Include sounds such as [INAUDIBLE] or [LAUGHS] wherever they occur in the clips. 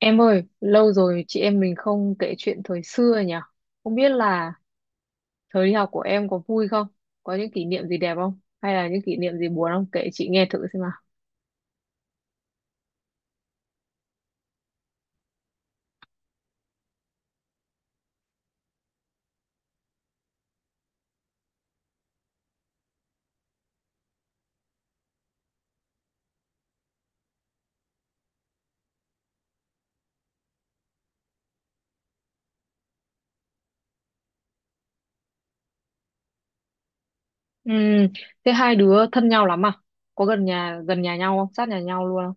Em ơi, lâu rồi chị em mình không kể chuyện thời xưa nhỉ? Không biết là thời đi học của em có vui không? Có những kỷ niệm gì đẹp không? Hay là những kỷ niệm gì buồn không? Kể chị nghe thử xem nào. Ừm, thế hai đứa thân nhau lắm à? Có gần nhà nhau không? Sát nhà nhau luôn không?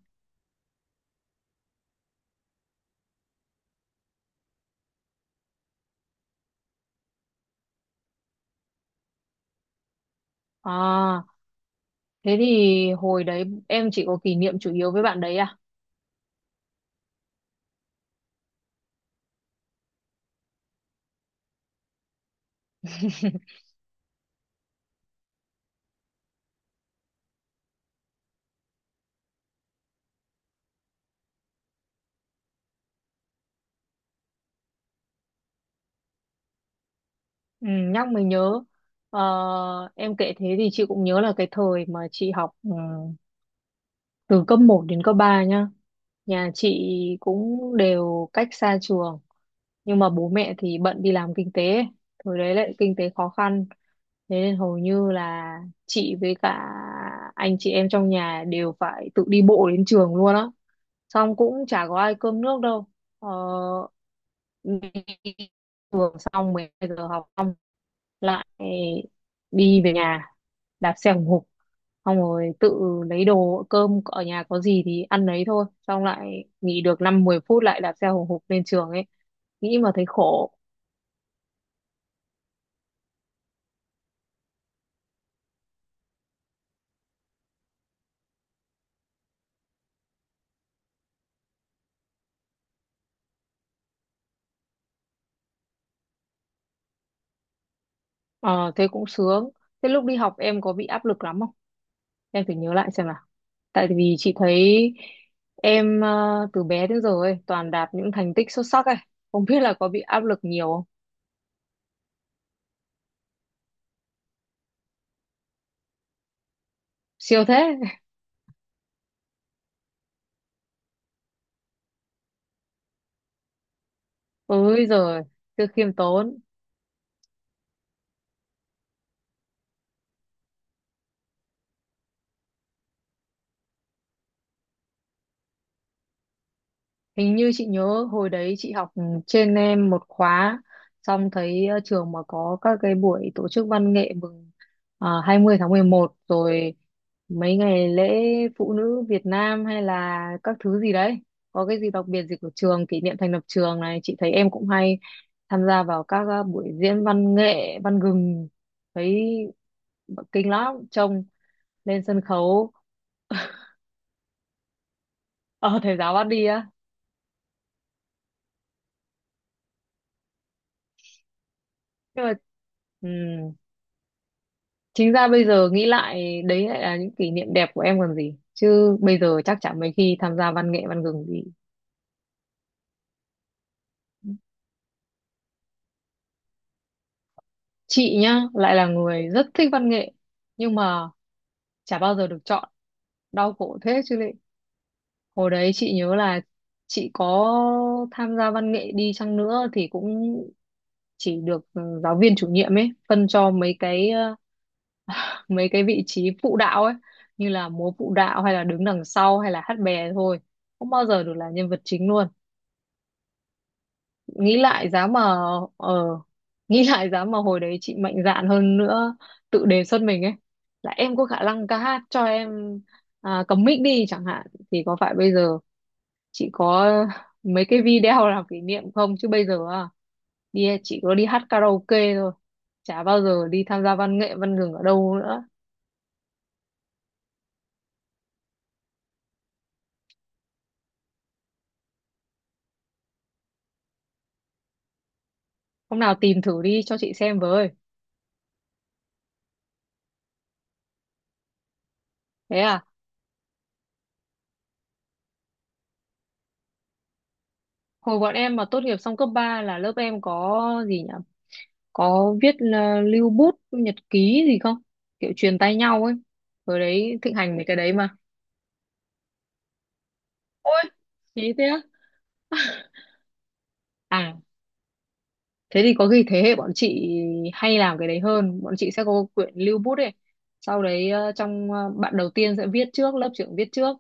À, thế thì hồi đấy em chỉ có kỷ niệm chủ yếu với bạn đấy à? [LAUGHS] Ừ, nhắc mới nhớ. Ờ, em kể thế thì chị cũng nhớ là cái thời mà chị học từ cấp một đến cấp 3 nhá, nhà chị cũng đều cách xa trường nhưng mà bố mẹ thì bận đi làm kinh tế ấy. Thời đấy lại kinh tế khó khăn, thế nên hầu như là chị với cả anh chị em trong nhà đều phải tự đi bộ đến trường luôn á, xong cũng chả có ai cơm nước đâu. ờ, Đi trường xong 12 giờ học xong lại đi về nhà, đạp xe hùng hục, xong rồi tự lấy đồ cơm ở nhà có gì thì ăn đấy thôi, xong lại nghỉ được năm mười phút lại đạp xe hùng hục lên trường ấy, nghĩ mà thấy khổ. Ờ thế cũng sướng. Thế lúc đi học em có bị áp lực lắm không, em phải nhớ lại xem nào. Tại vì chị thấy em từ bé đến giờ ấy toàn đạt những thành tích xuất sắc ấy, không biết là có bị áp lực nhiều không. Siêu thế. [LAUGHS] Ôi giời, cứ khiêm tốn. Hình như chị nhớ hồi đấy chị học trên em một khóa, xong thấy trường mà có các cái buổi tổ chức văn nghệ mừng 20 tháng 11 rồi mấy ngày lễ phụ nữ Việt Nam hay là các thứ gì đấy. Có cái gì đặc biệt gì của trường, kỷ niệm thành lập trường này, chị thấy em cũng hay tham gia vào các buổi diễn văn nghệ, văn gừng. Thấy kinh lắm trông lên sân khấu, ở thầy giáo bắt đi á. Nhưng mà ừ, chính ra bây giờ nghĩ lại đấy lại là những kỷ niệm đẹp của em còn gì, chứ bây giờ chắc chắn mấy khi tham gia văn nghệ văn gừng thì. Chị nhá lại là người rất thích văn nghệ nhưng mà chả bao giờ được chọn, đau khổ thế chứ lị. Hồi đấy chị nhớ là chị có tham gia văn nghệ đi chăng nữa thì cũng chỉ được giáo viên chủ nhiệm ấy phân cho mấy cái vị trí phụ đạo ấy, như là múa phụ đạo hay là đứng đằng sau hay là hát bè thôi, không bao giờ được là nhân vật chính luôn. Nghĩ lại giá mà ờ nghĩ [LAUGHS] lại giá mà hồi đấy chị mạnh dạn hơn nữa, tự đề xuất mình ấy là em có khả năng ca hát cho em, à, cầm mic đi chẳng hạn thì có phải bây giờ chị có [LAUGHS] mấy cái video [LAUGHS] làm kỷ niệm không, chứ bây giờ à, đi chị có đi hát karaoke thôi, chả bao giờ đi tham gia văn nghệ văn gừng ở đâu nữa. Hôm nào tìm thử đi cho chị xem với. Thế à, hồi bọn em mà tốt nghiệp xong cấp 3 là lớp em có gì nhỉ, có viết là lưu bút nhật ký gì không, kiểu truyền tay nhau ấy, hồi đấy thịnh hành mấy cái đấy mà. Ôi chí thế á? À thế thì có khi thế hệ bọn chị hay làm cái đấy hơn, bọn chị sẽ có quyển lưu bút ấy, sau đấy trong bạn đầu tiên sẽ viết trước, lớp trưởng viết trước,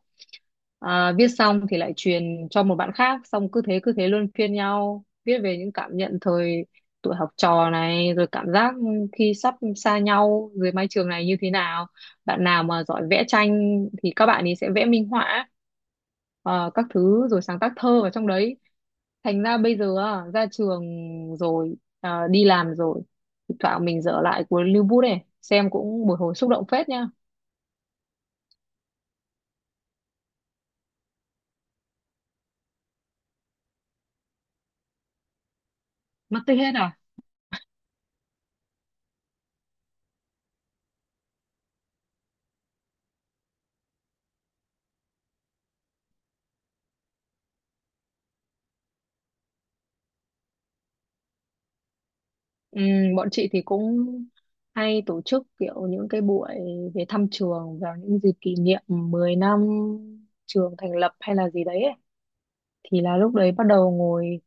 à, viết xong thì lại truyền cho một bạn khác, xong cứ thế luân phiên nhau viết về những cảm nhận thời tuổi học trò này rồi cảm giác khi sắp xa nhau dưới mái trường này như thế nào. Bạn nào mà giỏi vẽ tranh thì các bạn ấy sẽ vẽ minh họa các thứ rồi sáng tác thơ vào trong đấy. Thành ra bây giờ á, ra trường rồi à, đi làm rồi, thỉnh thoảng mình dở lại cuốn Lưu Bút này xem cũng một hồi xúc động phết nha. Mất tích hết à? Bọn chị thì cũng hay tổ chức kiểu những cái buổi về thăm trường vào những dịp kỷ niệm 10 năm trường thành lập hay là gì đấy ấy. Thì là lúc đấy bắt đầu ngồi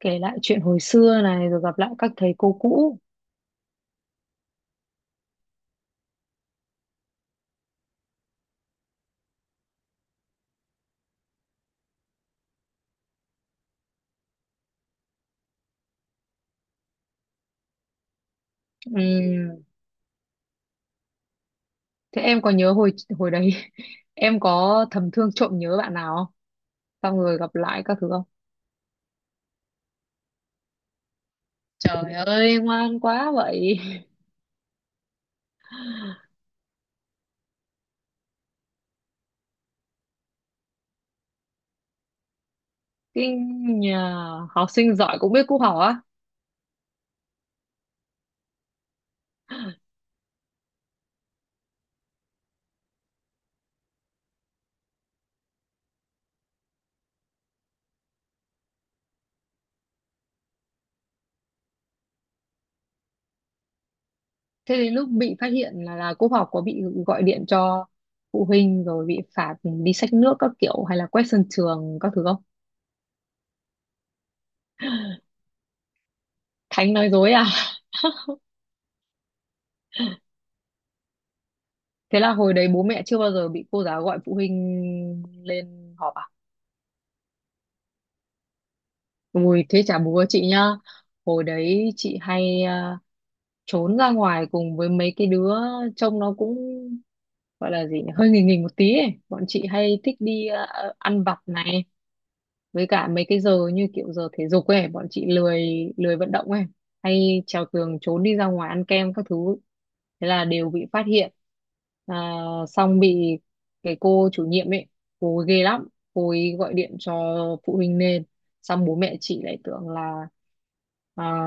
kể lại chuyện hồi xưa này rồi gặp lại các thầy cô cũ. Ừm, Thế em có nhớ hồi hồi đấy [LAUGHS] em có thầm thương trộm nhớ bạn nào xong rồi gặp lại các thứ không. Trời ơi ngoan quá vậy. [LAUGHS] Kinh nhà, học sinh giỏi cũng biết cúp học á. Thế đến lúc bị phát hiện là cúp học có bị gọi điện cho phụ huynh rồi bị phạt đi xách nước các kiểu hay là quét sân trường các thứ không. Thánh nói dối à. [LAUGHS] Thế là hồi đấy bố mẹ chưa bao giờ bị cô giáo gọi phụ huynh lên họp à. Ui thế chả bố chị nhá, hồi đấy chị hay trốn ra ngoài cùng với mấy cái đứa trông nó cũng gọi là gì nhỉ, hơi nghỉ nghỉ một tí ấy. Bọn chị hay thích đi ăn vặt này, với cả mấy cái giờ như kiểu giờ thể dục ấy bọn chị lười lười vận động ấy, hay trèo tường trốn đi ra ngoài ăn kem các thứ, thế là đều bị phát hiện, à, xong bị cái cô chủ nhiệm ấy, cô ấy ghê lắm, cô ấy gọi điện cho phụ huynh lên, xong bố mẹ chị lại tưởng là à,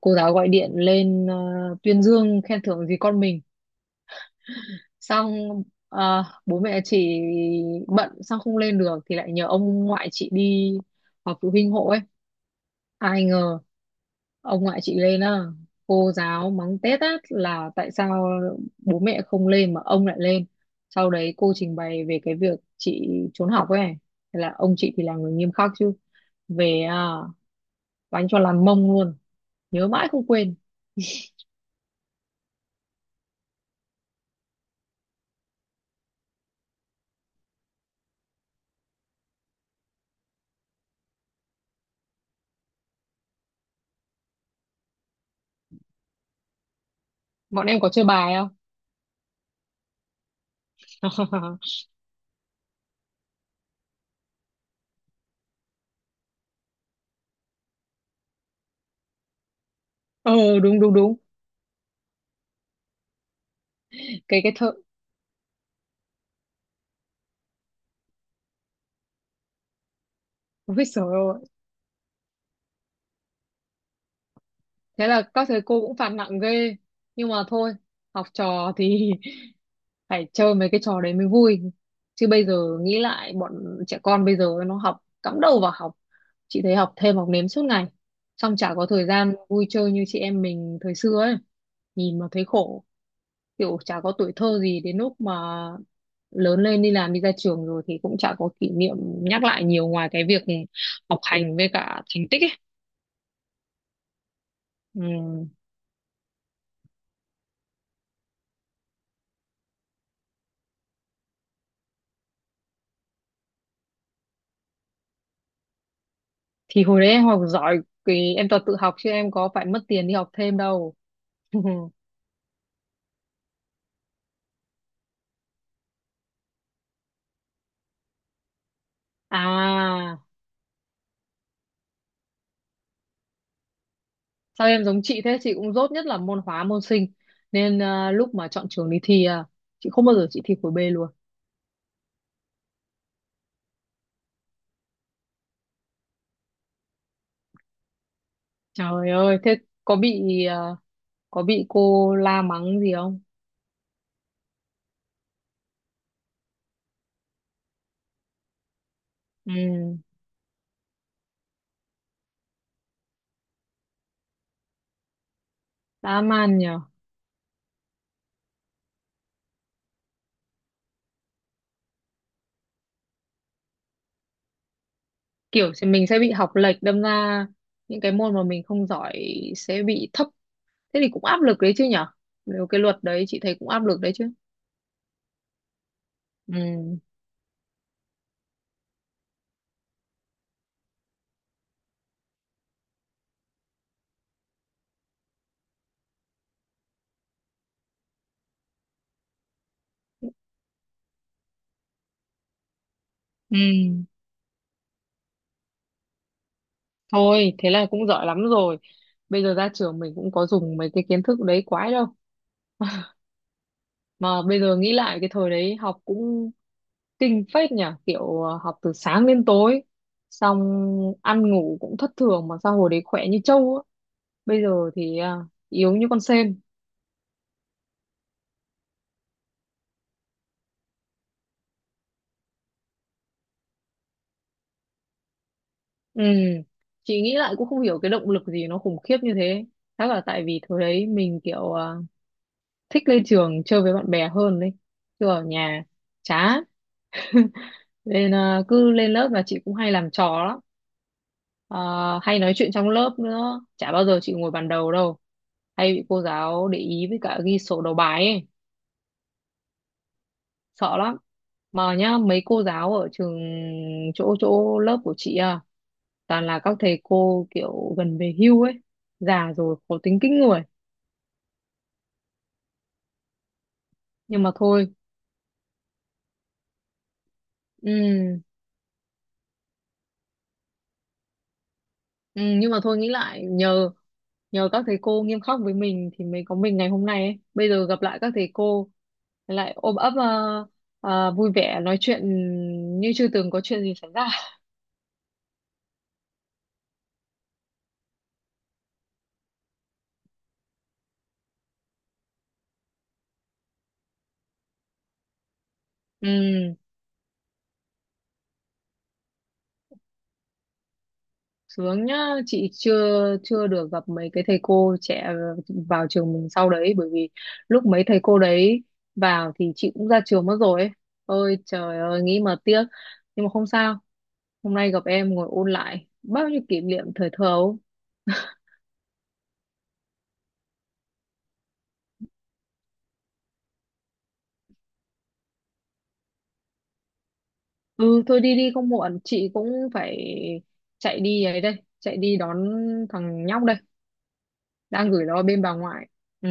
cô giáo gọi điện lên tuyên dương khen thưởng gì con mình, xong bố mẹ chị bận xong không lên được thì lại nhờ ông ngoại chị đi họp phụ huynh hộ ấy. Ai ngờ ông ngoại chị lên á, cô giáo mắng tét á là tại sao bố mẹ không lên mà ông lại lên, sau đấy cô trình bày về cái việc chị trốn học ấy. Thế là ông chị thì là người nghiêm khắc chứ, về đánh cho làm mông luôn, nhớ mãi không quên. Bọn em có chơi bài không? [LAUGHS] Ờ đúng đúng đúng. Cái thợ, ôi trời ơi, thế là các thầy cô cũng phạt nặng ghê, nhưng mà thôi học trò thì [LAUGHS] phải chơi mấy cái trò đấy mới vui. Chứ bây giờ nghĩ lại bọn trẻ con bây giờ nó học cắm đầu vào học, chị thấy học thêm học nếm suốt ngày, xong chả có thời gian vui chơi như chị em mình thời xưa ấy, nhìn mà thấy khổ, kiểu chả có tuổi thơ gì. Đến lúc mà lớn lên đi làm đi ra trường rồi thì cũng chả có kỷ niệm nhắc lại nhiều ngoài cái việc học hành với cả thành tích ấy. Ừ. Thì hồi đấy em học giỏi thì em toàn tự học chứ em có phải mất tiền đi học thêm đâu. [LAUGHS] À sao em giống chị thế, chị cũng dốt nhất là môn hóa môn sinh, nên lúc mà chọn trường đi thi chị không bao giờ chị thi khối B luôn. Trời ơi thế có bị à, có bị cô la mắng gì không. Ừ dã man nhờ. Kiểu thì mình sẽ bị học lệch, đâm ra những cái môn mà mình không giỏi sẽ bị thấp, thế thì cũng áp lực đấy chứ nhở, nếu cái luật đấy chị thấy cũng áp lực đấy chứ. Ừ. Ừ. Thôi, thế là cũng giỏi lắm rồi. Bây giờ ra trường mình cũng có dùng mấy cái kiến thức đấy quái đâu. Mà bây giờ nghĩ lại cái thời đấy học cũng kinh phết nhỉ, kiểu học từ sáng đến tối, xong ăn ngủ cũng thất thường mà sao hồi đấy khỏe như trâu á. Bây giờ thì yếu như con sên. Ừ, chị nghĩ lại cũng không hiểu cái động lực gì nó khủng khiếp như thế. Chắc là tại vì thời đấy mình kiểu thích lên trường chơi với bạn bè hơn đấy. Chứ ở nhà chán, nên cứ lên lớp là chị cũng hay làm trò lắm. Ờ, Hay nói chuyện trong lớp nữa, chả bao giờ chị ngồi bàn đầu đâu, hay bị cô giáo để ý với cả ghi sổ đầu bài ấy, sợ lắm. Mà nhá mấy cô giáo ở trường chỗ chỗ lớp của chị à, toàn là các thầy cô kiểu gần về hưu ấy, già rồi khó tính kinh người, nhưng mà thôi. Ừ. Ừ, nhưng mà thôi nghĩ lại nhờ nhờ các thầy cô nghiêm khắc với mình thì mới có mình ngày hôm nay ấy. Bây giờ gặp lại các thầy cô lại ôm ấp, vui vẻ nói chuyện như chưa từng có chuyện gì xảy ra. Ừ, sướng nhá, chị chưa chưa được gặp mấy cái thầy cô trẻ vào trường mình sau đấy, bởi vì lúc mấy thầy cô đấy vào thì chị cũng ra trường mất rồi ấy. Ôi trời ơi, nghĩ mà tiếc. Nhưng mà không sao, hôm nay gặp em ngồi ôn lại bao nhiêu kỷ niệm thời thơ ấu. Ừ thôi đi đi không muộn. Chị cũng phải chạy đi ấy đây, chạy đi đón thằng nhóc đây, đang gửi nó ở bên bà ngoại. Ừ